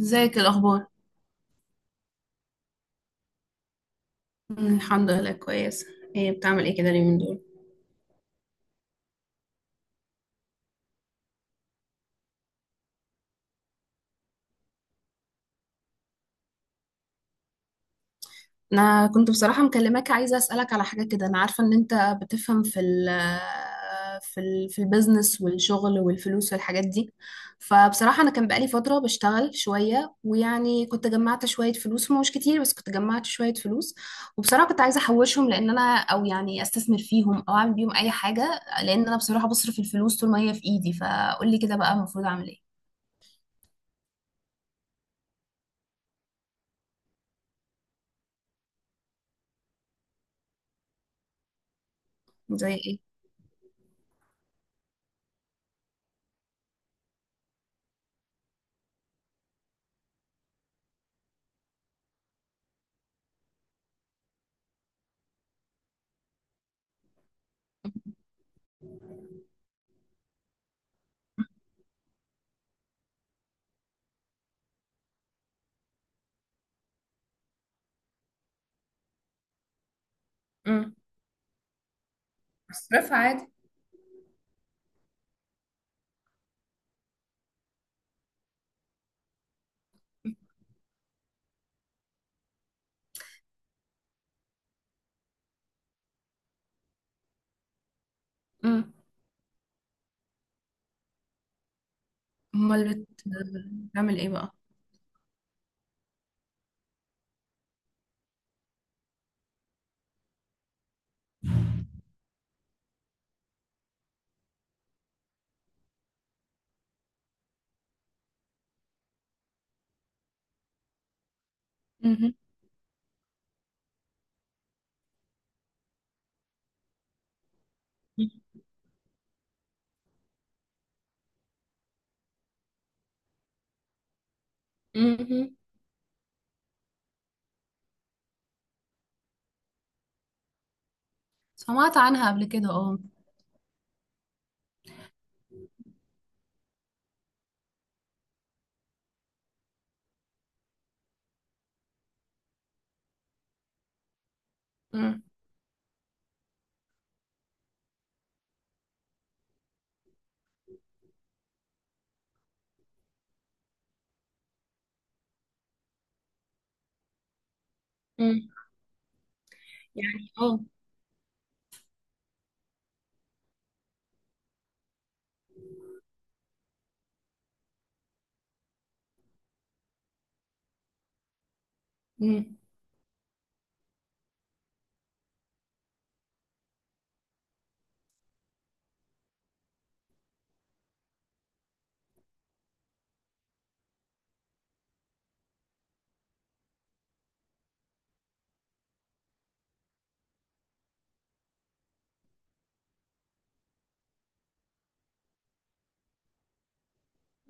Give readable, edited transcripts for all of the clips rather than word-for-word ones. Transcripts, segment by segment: ازيك الاخبار؟ الحمد لله كويس. ايه بتعمل ايه كده اليومين دول؟ انا كنت بصراحه مكلماك عايزه اسالك على حاجه كده، انا عارفه ان انت بتفهم في ال آه، في ال في البيزنس والشغل والفلوس والحاجات دي. فبصراحه انا كان بقالي فتره بشتغل شويه ويعني كنت جمعت شويه فلوس، هم مش كتير بس كنت جمعت شويه فلوس. وبصراحه كنت عايزه احوشهم، لان انا او يعني استثمر فيهم او اعمل بيهم اي حاجه، لان انا بصراحه بصرف الفلوس طول ما هي في ايدي. فقولي كده بقى المفروض اعمل ايه؟ زي ايه؟ بصرفها عادي. امم. امال بتعمل ايه بقى؟ امم. امم. سمعت عنها قبل كده، اه. امم. امم. يعني اه. امم.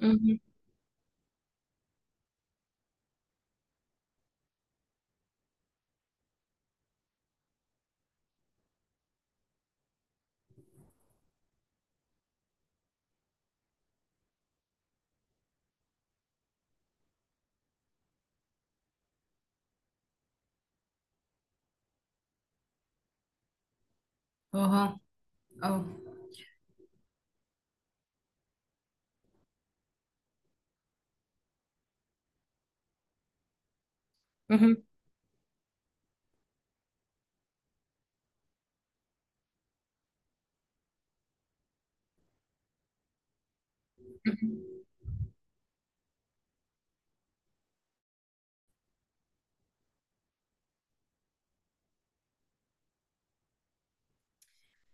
امم. اه. اه. مهم. مهم.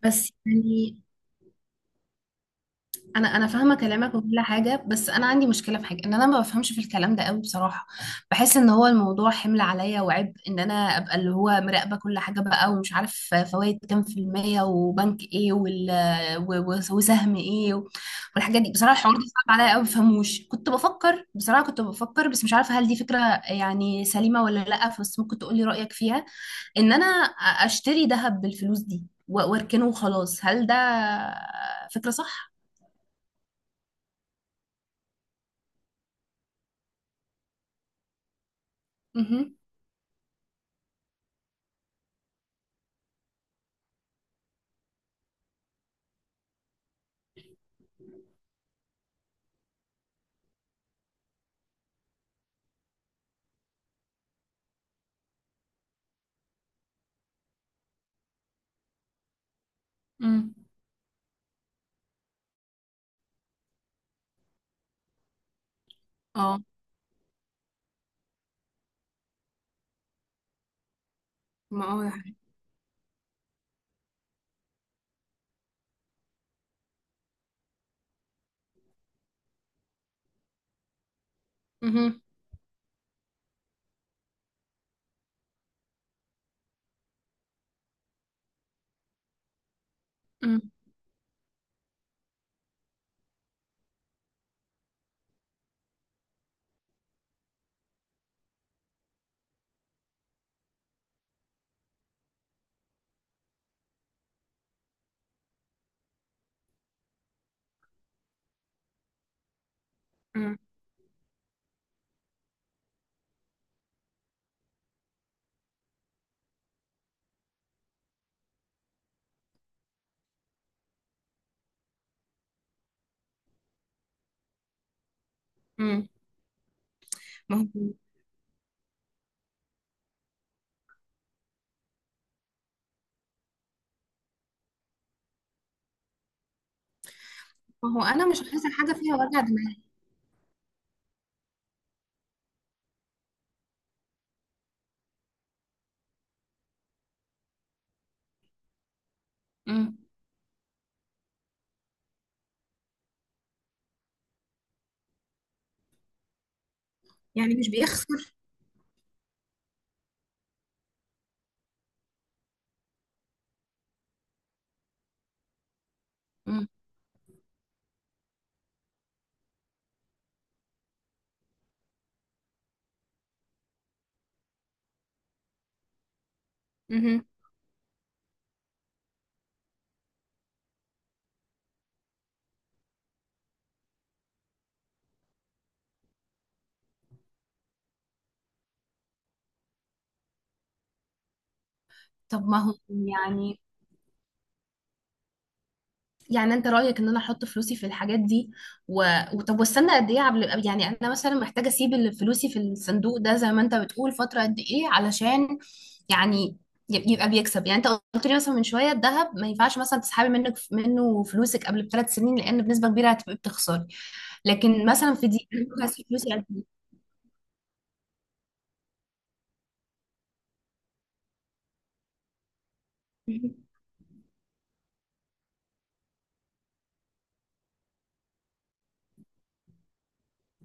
بس يعني انا فاهمه كلامك وكل حاجه، بس انا عندي مشكله في حاجه ان انا ما بفهمش في الكلام ده قوي بصراحه. بحس ان هو الموضوع حمل عليا وعبء، ان انا ابقى اللي هو مراقبه كل حاجه بقى ومش عارف فوائد كام في الميه وبنك ايه وال وسهم ايه والحاجات دي بصراحه، الحوار ده صعب عليا قوي ما بفهموش. كنت بفكر بصراحه، كنت بفكر بس مش عارفه هل دي فكره يعني سليمه ولا لا، بس ممكن تقولي رايك فيها. ان انا اشتري ذهب بالفلوس دي واركنه وخلاص، هل ده فكره صح؟ مهم. امم. اه ما هو ده حقيقي. مهم. مم. مم. مم. ما هو انا مش عايزه حاجه فيها وجع دماغ. مم. يعني مش بيخسر؟ مم. مهم. طب ما هو يعني، يعني انت رأيك ان انا احط فلوسي في الحاجات دي و... وطب واستنى قد ايه؟ قبل يعني انا مثلا محتاجة اسيب فلوسي في الصندوق ده زي ما انت بتقول فترة قد ايه علشان يعني يبقى بيكسب. يعني انت قلت لي مثلا من شوية الذهب ما ينفعش مثلا تسحبي منه فلوسك قبل بثلاث سنين لان بنسبة كبيرة هتبقي بتخسري، لكن مثلا في دي انا ممكن اسيب فلوسي قد ايه؟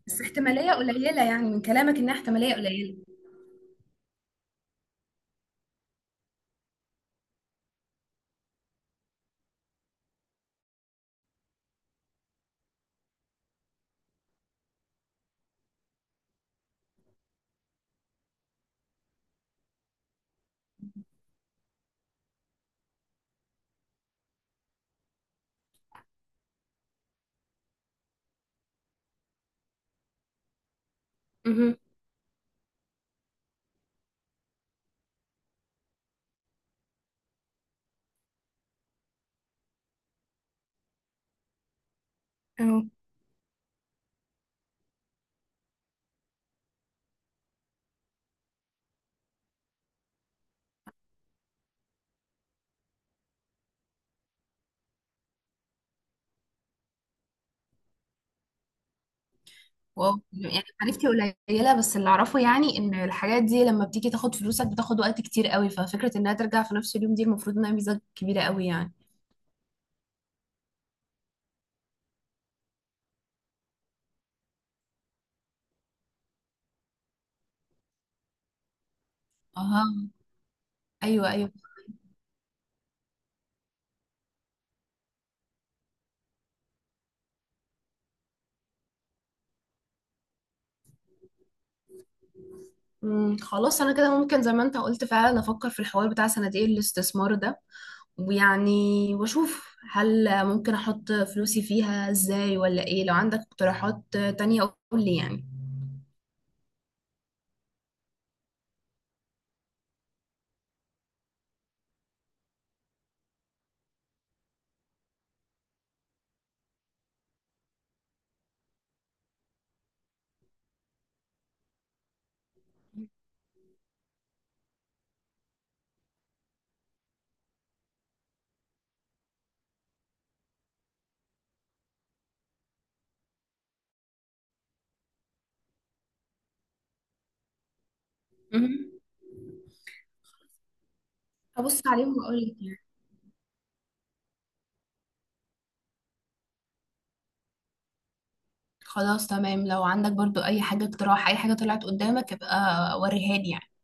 بس احتمالية قليلة يعني، من كلامك انها احتمالية قليلة. مهم. واو، يعني معرفتي قليله بس اللي اعرفه يعني ان الحاجات دي لما بتيجي تاخد فلوسك بتاخد وقت كتير قوي، ففكره انها ترجع في نفس اليوم دي المفروض انها ميزه كبيره قوي يعني. اها. ايوه. امم، خلاص انا كده ممكن زي ما انت قلت فعلا افكر في الحوار بتاع صناديق الاستثمار ده ويعني واشوف هل ممكن احط فلوسي فيها ازاي ولا ايه. لو عندك اقتراحات تانية قول لي يعني. مهم. هبص عليهم واقول لك يعني. خلاص تمام، لو عندك برضو اي حاجة اقتراح اي حاجة طلعت قدامك ابقى وريها لي يعني.